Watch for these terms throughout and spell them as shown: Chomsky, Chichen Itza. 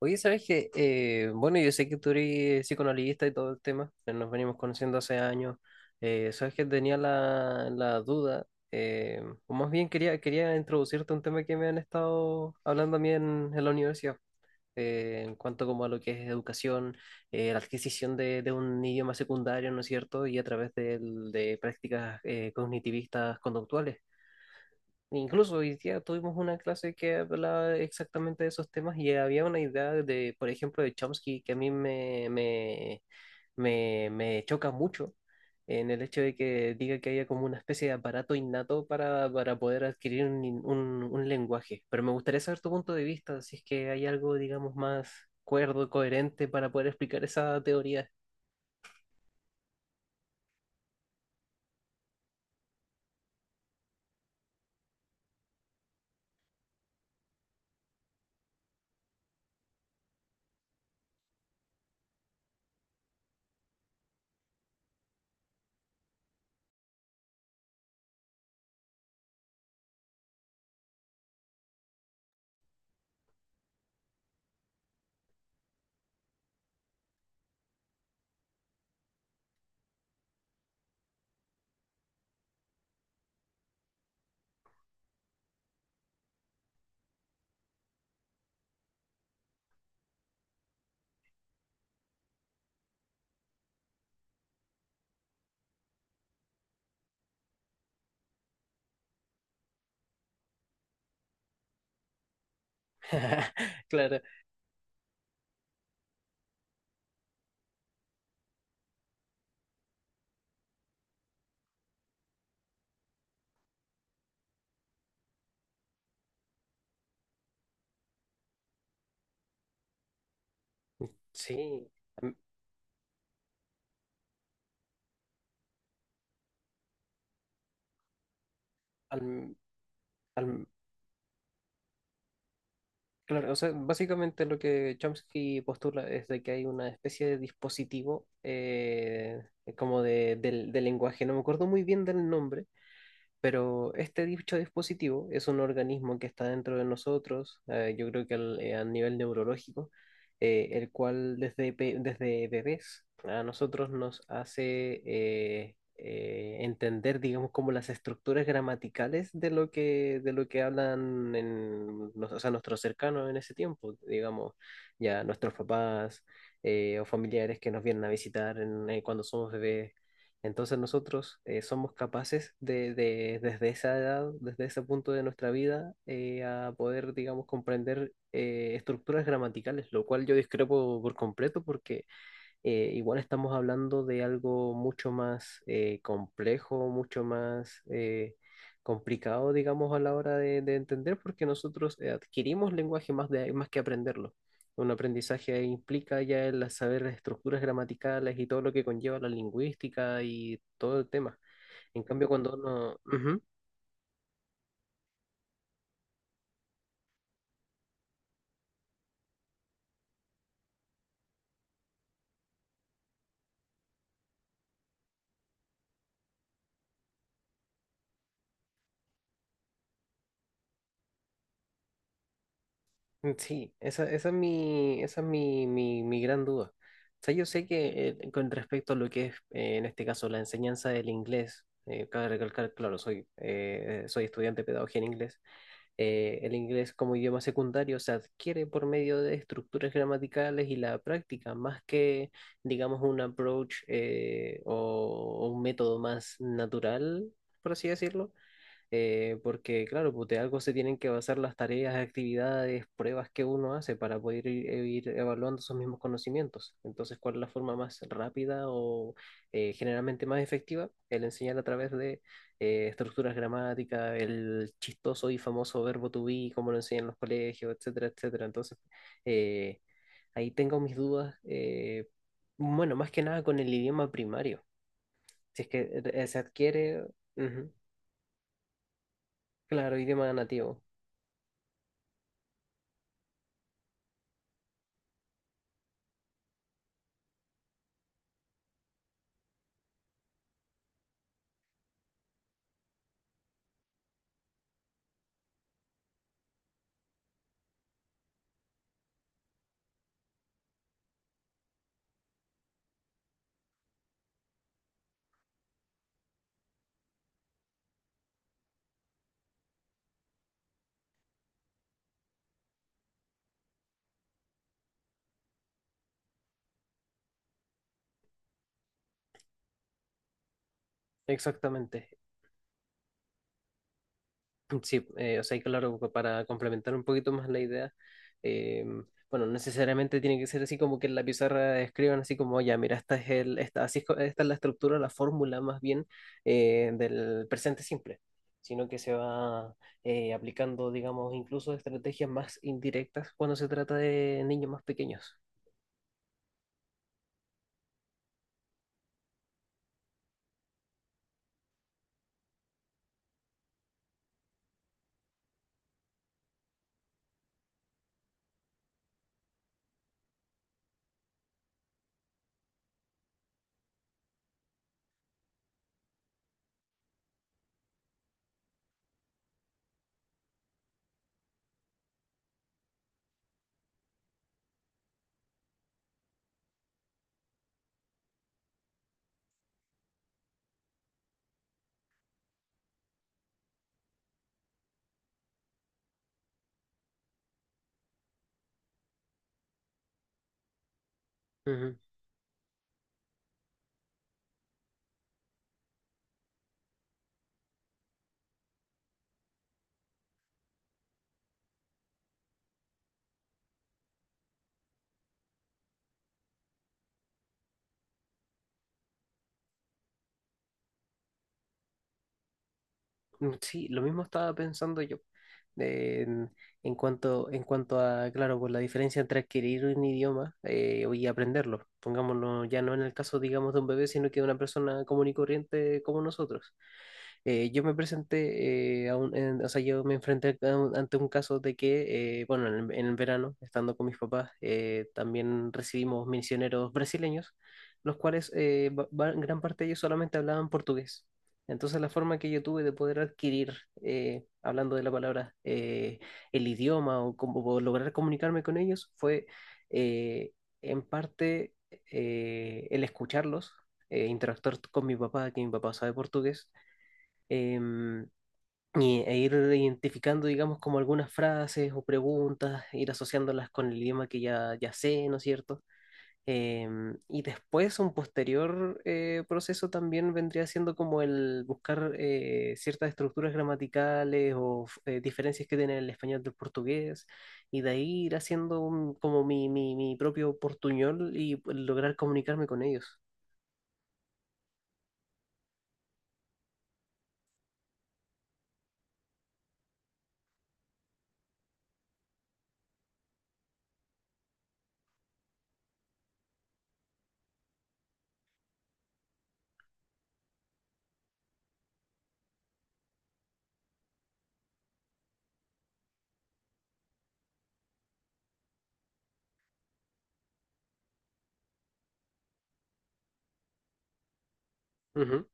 Oye, ¿sabes qué? Bueno, yo sé que tú eres psicoanalista y todo el tema, nos venimos conociendo hace años. ¿Sabes que tenía la duda, o más bien quería introducirte un tema que me han estado hablando a mí en la universidad, en cuanto como a lo que es educación, la adquisición de un idioma secundario, ¿no es cierto? Y a través de prácticas cognitivistas conductuales. Incluso hoy día tuvimos una clase que hablaba exactamente de esos temas y había una idea de, por ejemplo, de Chomsky que a mí me, me, me, me choca mucho en el hecho de que diga que haya como una especie de aparato innato para poder adquirir un lenguaje. Pero me gustaría saber tu punto de vista, si es que hay algo, digamos, más cuerdo, coherente para poder explicar esa teoría. Claro, sí. Al- al- al- Claro, o sea, básicamente lo que Chomsky postula es de que hay una especie de dispositivo como de, del lenguaje, no me acuerdo muy bien del nombre, pero este dicho dispositivo es un organismo que está dentro de nosotros, yo creo que a nivel neurológico, el cual desde bebés a nosotros nos hace entender, digamos, como las estructuras gramaticales de lo que hablan o sea, nuestros cercanos en ese tiempo, digamos, ya nuestros papás o familiares que nos vienen a visitar cuando somos bebés. Entonces nosotros somos capaces desde esa edad, desde ese punto de nuestra vida, a poder, digamos, comprender estructuras gramaticales, lo cual yo discrepo por completo porque igual estamos hablando de algo mucho más complejo, mucho más complicado, digamos, a la hora de entender, porque nosotros adquirimos lenguaje más, más que aprenderlo. Un aprendizaje implica ya el saber las estructuras gramaticales y todo lo que conlleva la lingüística y todo el tema. En cambio, cuando uno... Ujú. Mm. Sí, esa es esa es mi gran duda. O sea, yo sé que con respecto a lo que es, en este caso, la enseñanza del inglés, cabe recalcar, claro, soy estudiante de pedagogía en inglés, el inglés como idioma secundario se adquiere por medio de estructuras gramaticales y la práctica, más que, digamos, un approach o un método más natural, por así decirlo, porque claro, pues de algo se tienen que basar las tareas, actividades, pruebas que uno hace para poder ir, e ir evaluando esos mismos conocimientos. Entonces, ¿cuál es la forma más rápida o generalmente más efectiva? El enseñar a través de estructuras gramáticas, el chistoso y famoso verbo to be, como lo enseñan en los colegios, etcétera, etcétera. Entonces, eh, ahí tengo mis dudas, bueno, más que nada con el idioma primario. Si es que se adquiere, ujú, claro, idioma nativo. Exactamente. Mm. Sí, o sea, y claro, para complementar un poquito más la idea, eh, bueno, no necesariamente tiene que ser así como que en la pizarra escriban así como, ya, mira, esta es el, esta, así esta es la estructura, la fórmula más bien del presente simple, sino que se va aplicando, digamos, incluso estrategias más indirectas cuando se trata de niños más pequeños. Mm. Sí, lo mismo estaba pensando yo. eh, En, en cuanto a, claro, por la diferencia entre adquirir un idioma y aprenderlo. Pongámonos ya no en el caso, digamos, de un bebé, sino que de una persona común y corriente como nosotros. Yo me presenté, o sea, yo me enfrenté a un- ante un caso de que, bueno, en el verano, estando con mis papás, también recibimos misioneros brasileños, los cuales gran parte de ellos solamente hablaban portugués. Entonces la forma que yo tuve de poder adquirir, hablando de la palabra, el idioma o lograr comunicarme con ellos fue eh, en parte el escucharlos, interactuar con mi papá, que mi papá sabe portugués, em, y, e ir identificando, digamos, como algunas frases o preguntas, ir asociándolas con el idioma que ya sé, ¿no es cierto? Y después un posterior proceso también vendría siendo como el buscar ciertas estructuras gramaticales o diferencias que tiene el español del portugués y de ahí ir haciendo como mi propio portuñol y lograr comunicarme con ellos. Ujú.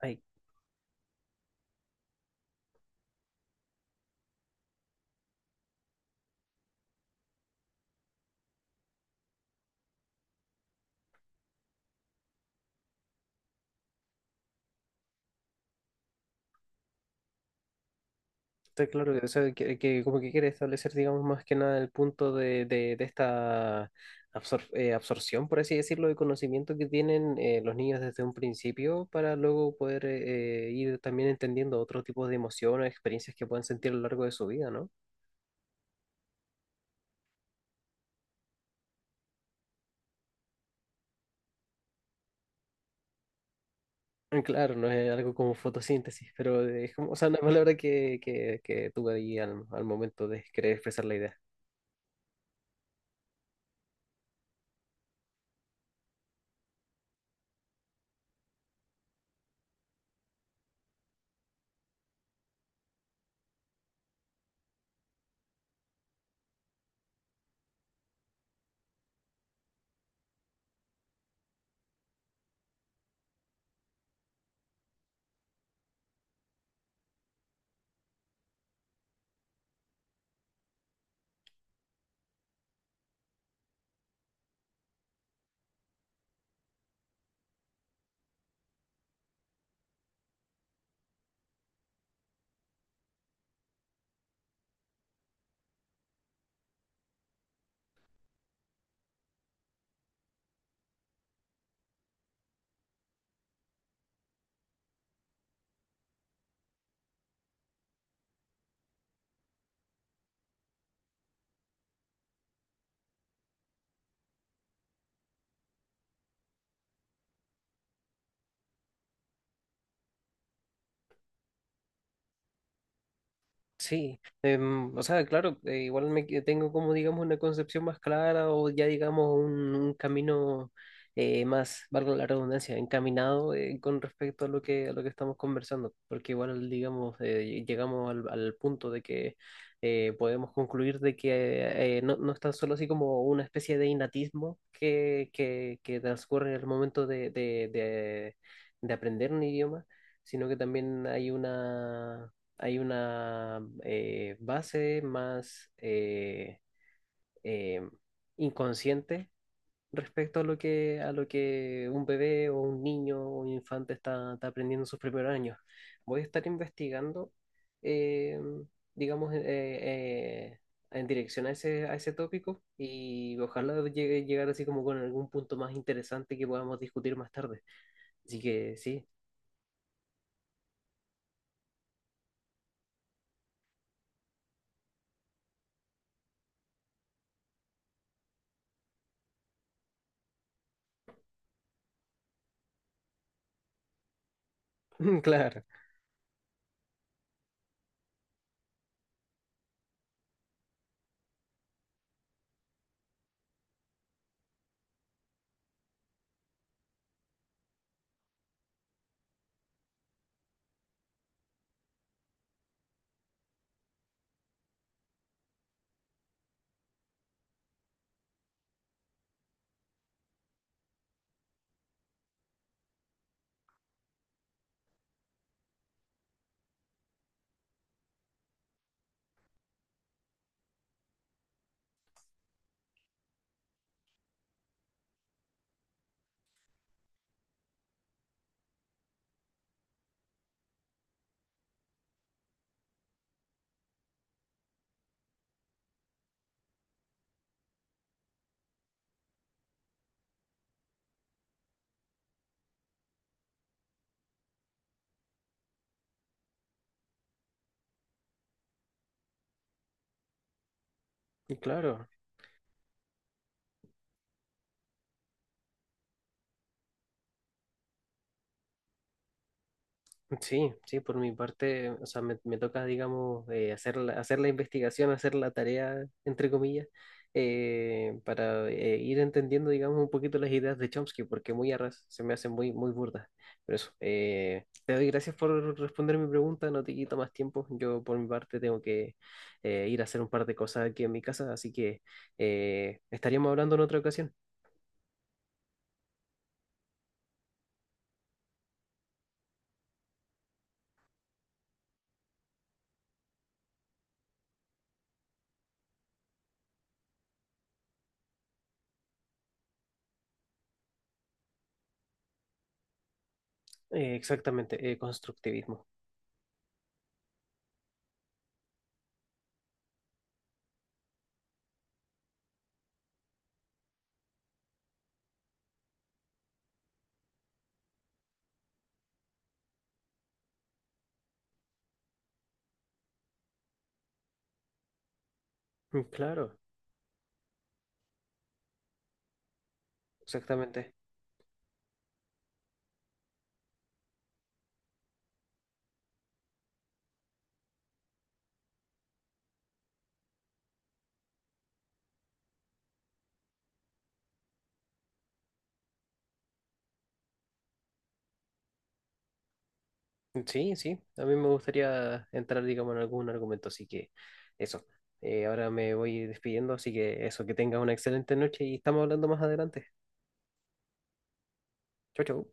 Ahí está claro, que, o sea, que como que quiere establecer, digamos, más que nada el punto de esta absorción, por así decirlo, de conocimiento que tienen los niños desde un principio para luego poder ir también entendiendo otro tipo de emociones, experiencias que puedan sentir a lo largo de su vida, ¿no? Claro, no es algo como fotosíntesis, pero es como, o sea, una palabra que tuve ahí al momento de querer expresar la idea. Sí, o sea, claro, igual tengo como, digamos, una concepción más clara o ya, digamos, un camino más, valga la redundancia, encaminado con respecto a lo que estamos conversando, porque igual, digamos, llegamos al punto de que podemos concluir de que no, no es tan solo así como una especie de innatismo que transcurre en el momento de aprender un idioma, sino que también hay una base más eh, inconsciente respecto a lo que un bebé o un niño o un infante está aprendiendo en sus primeros años. Voy a estar investigando, eh, digamos, en dirección a ese tópico y ojalá llegar así como con algún punto más interesante que podamos discutir más tarde. Así que sí, claro, claro. Sí, sí, por mi parte, o sea, me toca, digamos, hacer hacer la investigación, hacer la tarea, entre comillas, para ir entendiendo, digamos, un poquito las ideas de Chomsky, porque muy a ras se me hacen muy, muy burdas. Pero eso, te doy gracias por responder mi pregunta, no te quito más tiempo. Yo, por mi parte, tengo que ir a hacer un par de cosas aquí en mi casa, así que estaríamos hablando en otra ocasión. Exactamente, constructivismo. Mm. Claro, exactamente. Sí, sí, a mí me gustaría entrar, digamos, en algún argumento, así que eso. Ahora me voy despidiendo, así que eso, que tengas una excelente noche y estamos hablando más adelante. Chau, chau.